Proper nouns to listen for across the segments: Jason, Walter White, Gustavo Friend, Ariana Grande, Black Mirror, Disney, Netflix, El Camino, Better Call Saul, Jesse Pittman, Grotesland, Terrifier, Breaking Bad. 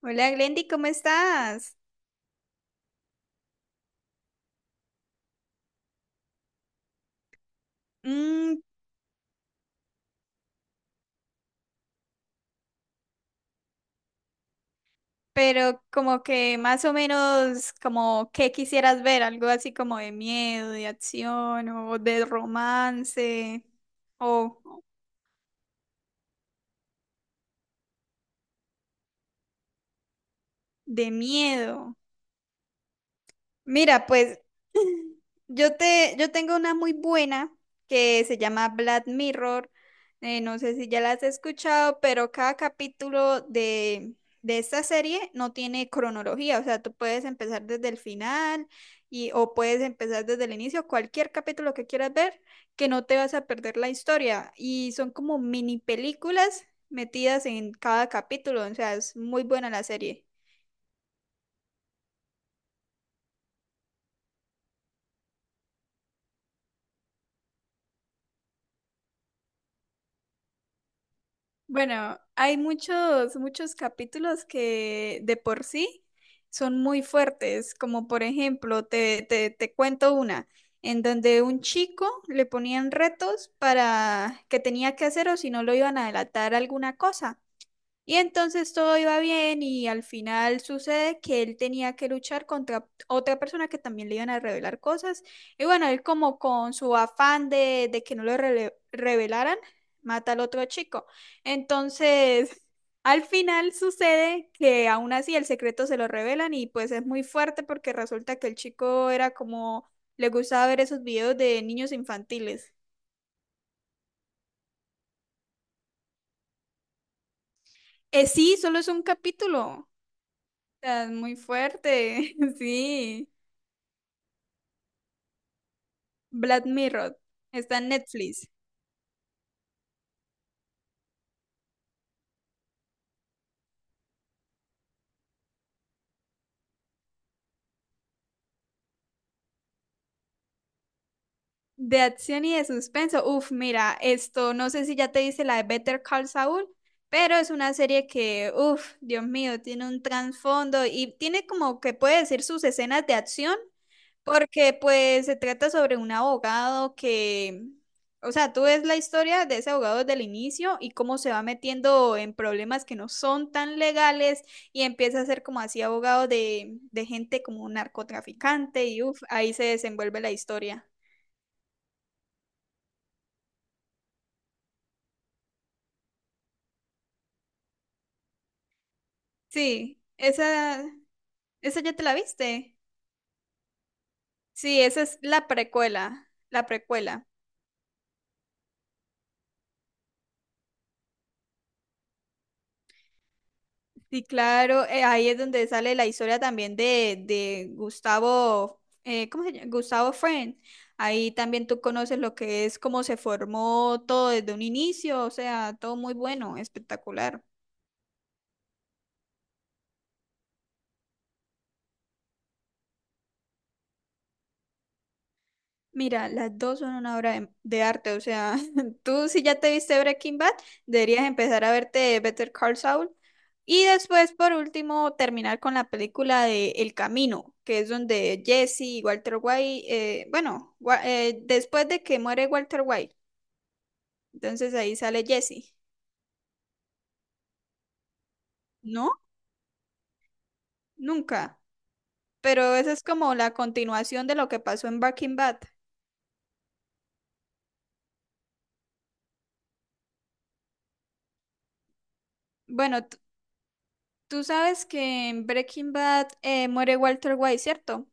Hola Glendy, ¿cómo estás? Mm, pero como que más o menos como qué quisieras ver, algo así como de miedo, de acción o de romance o de miedo. Mira, pues yo tengo una muy buena que se llama Black Mirror. No sé si ya la has escuchado, pero cada capítulo de esta serie no tiene cronología. O sea, tú puedes empezar desde el final o puedes empezar desde el inicio, cualquier capítulo que quieras ver, que no te vas a perder la historia. Y son como mini películas metidas en cada capítulo. O sea, es muy buena la serie. Bueno, hay muchos capítulos que de por sí son muy fuertes, como por ejemplo, te cuento una, en donde un chico le ponían retos para que tenía que hacer o si no lo iban a delatar alguna cosa. Y entonces todo iba bien y al final sucede que él tenía que luchar contra otra persona que también le iban a revelar cosas. Y bueno, él como con su afán de que no lo revelaran, mata al otro chico. Entonces, al final sucede que aún así el secreto se lo revelan y pues es muy fuerte porque resulta que el chico era como, le gustaba ver esos videos de niños infantiles. Sí, solo es un capítulo. O sea, es muy fuerte, sí. Black Mirror. Está en Netflix. De acción y de suspenso. Uf, mira, esto no sé si ya te dice la de Better Call Saul, pero es una serie que, uf, Dios mío, tiene un trasfondo y tiene como que puede decir sus escenas de acción. Porque pues se trata sobre un abogado que, o sea, tú ves la historia de ese abogado desde el inicio y cómo se va metiendo en problemas que no son tan legales y empieza a ser como así abogado de gente como un narcotraficante y uff, ahí se desenvuelve la historia. Sí, esa ya te la viste. Sí, esa es la precuela, la precuela. Sí, claro, ahí es donde sale la historia también de Gustavo, ¿cómo se llama? Gustavo Friend. Ahí también tú conoces lo que es cómo se formó todo desde un inicio, o sea, todo muy bueno, espectacular. Mira, las dos son una obra de arte, o sea, tú si ya te viste Breaking Bad, deberías empezar a verte Better Call Saul y después, por último, terminar con la película de El Camino, que es donde Jesse y Walter White, bueno, después de que muere Walter White, entonces ahí sale Jesse, ¿no? Nunca, pero esa es como la continuación de lo que pasó en Breaking Bad. Bueno, tú sabes que en Breaking Bad muere Walter White, ¿cierto?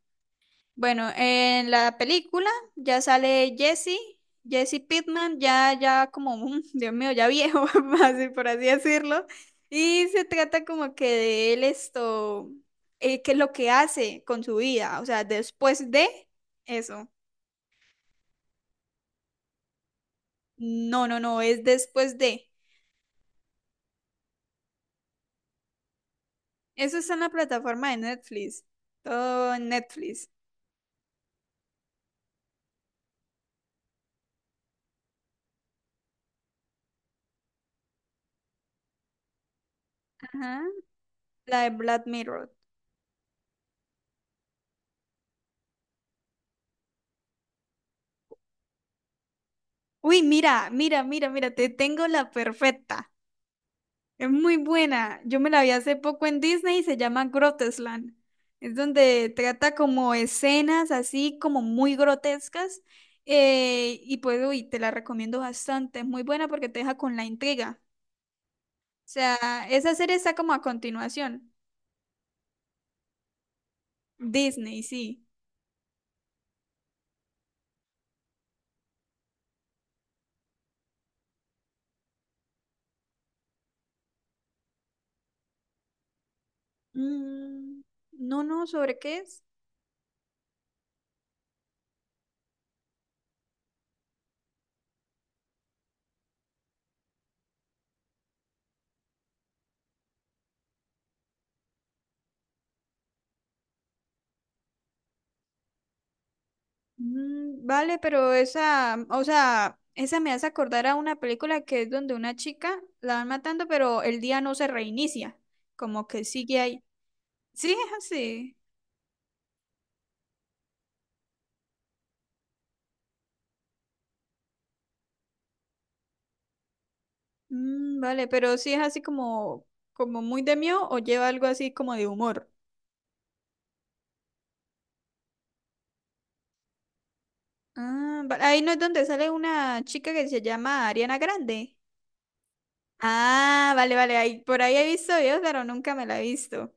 Bueno, en la película ya sale Jesse, Jesse Pittman, ya como, mm, Dios mío, ya viejo, así por así decirlo. Y se trata como que de él esto, qué es lo que hace con su vida, o sea, después de eso. No, es después de. Eso está en la plataforma de Netflix, todo en Netflix. Ajá. La de Black Mirror. Uy, mira, te tengo la perfecta. Es muy buena. Yo me la vi hace poco en Disney y se llama Grotesland. Es donde trata como escenas así como muy grotescas. Y pues, uy, te la recomiendo bastante. Es muy buena porque te deja con la intriga. O sea, esa serie está como a continuación. Disney, sí. Mm, no, no, ¿sobre qué es? Mm, vale, pero esa, o sea, esa me hace acordar a una película que es donde una chica la van matando, pero el día no se reinicia, como que sigue ahí. Sí, es así. Mm, vale, pero sí es así como, como muy de mío o lleva algo así como de humor. Ah, ahí no es donde sale una chica que se llama Ariana Grande. Ah, vale, vale, ahí, por ahí he visto videos, pero nunca me la he visto.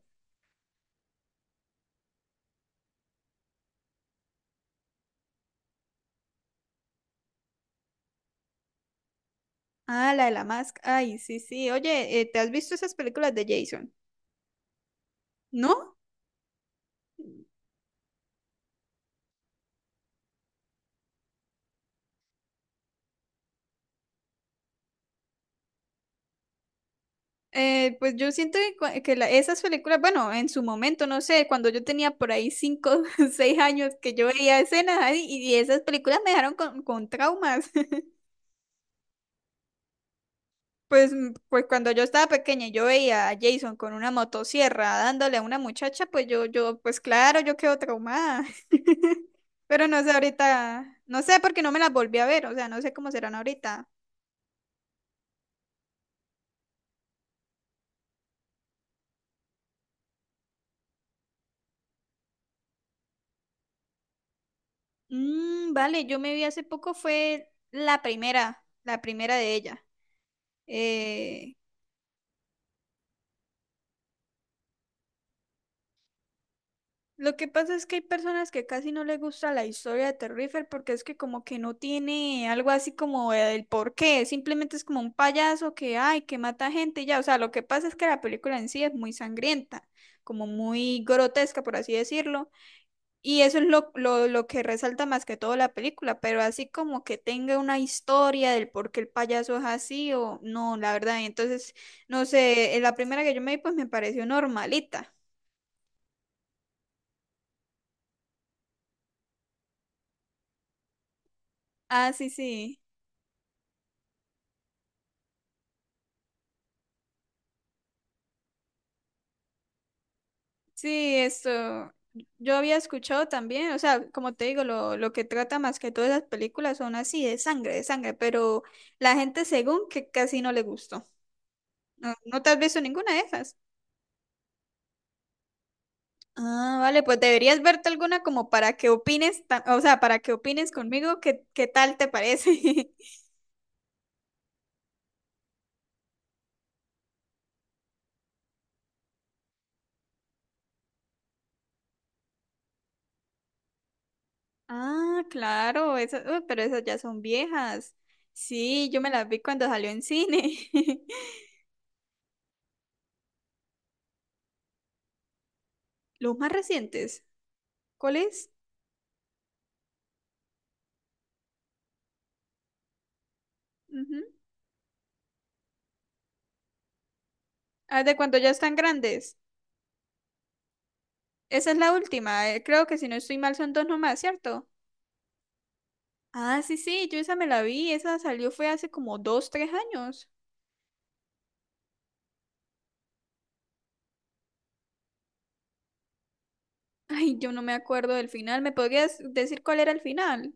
Ah, la de la máscara. Ay, sí, sí. Oye, ¿te has visto esas películas de Jason? ¿No? Pues yo siento que, esas películas, bueno, en su momento, no sé, cuando yo tenía por ahí cinco, seis años que yo veía escenas ahí y esas películas me dejaron con traumas. Pues, mm, pues cuando yo estaba pequeña y yo veía a Jason con una motosierra dándole a una muchacha, pues yo, pues claro, yo quedo traumada. Pero no sé ahorita, no sé porque no me las volví a ver, o sea, no sé cómo serán ahorita. Mm, vale, yo me vi hace poco, fue la primera de ella. Eh, Lo que pasa es que hay personas que casi no les gusta la historia de Terrifier porque es que como que no tiene algo así como el porqué, simplemente es como un payaso que ay, que mata gente y ya, o sea, lo que pasa es que la película en sí es muy sangrienta, como muy grotesca por así decirlo, y eso es lo que resalta más que todo la película, pero así como que tenga una historia del por qué el payaso es así o no, la verdad, y entonces, no sé, la primera que yo me vi pues me pareció normalita. Ah, sí, sí. Sí, esto yo había escuchado también, o sea, como te digo, lo que trata más que todas las películas son así, de sangre, pero la gente según que casi no le gustó. ¿No, no te has visto ninguna de esas? Ah, vale, pues deberías verte alguna como para que opines, o sea, para que opines conmigo qué, qué tal te parece. Ah, claro, esas, uy, pero esas ya son viejas. Sí, yo me las vi cuando salió en cine. Los más recientes, ¿cuál es? Ujú. Ah, de cuando ya están grandes. Esa es la última. Creo que si no estoy mal son dos nomás, ¿cierto? Ah, sí, sí, yo esa me la vi. Esa salió fue hace como dos, tres años. Ay, yo no me acuerdo del final. ¿Me podrías decir cuál era el final?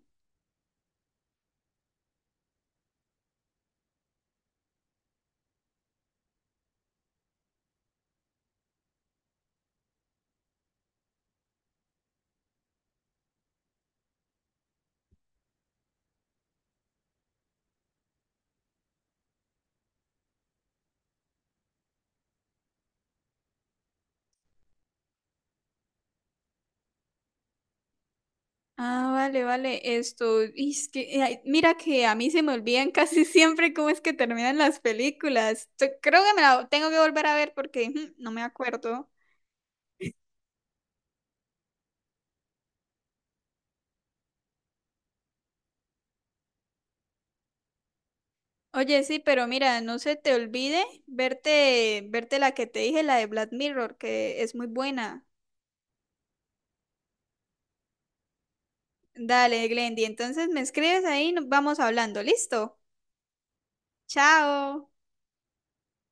Ah, vale, vale. Esto, y es que, ay, mira que a mí se me olvidan casi siempre cómo es que terminan las películas. Creo que me la tengo que volver a ver porque ujú, no me acuerdo. Oye, sí, pero mira, no se te olvide verte la que te dije, la de Black Mirror, que es muy buena. Dale, Glendy, entonces me escribes ahí, nos vamos hablando. ¿Listo? Chao.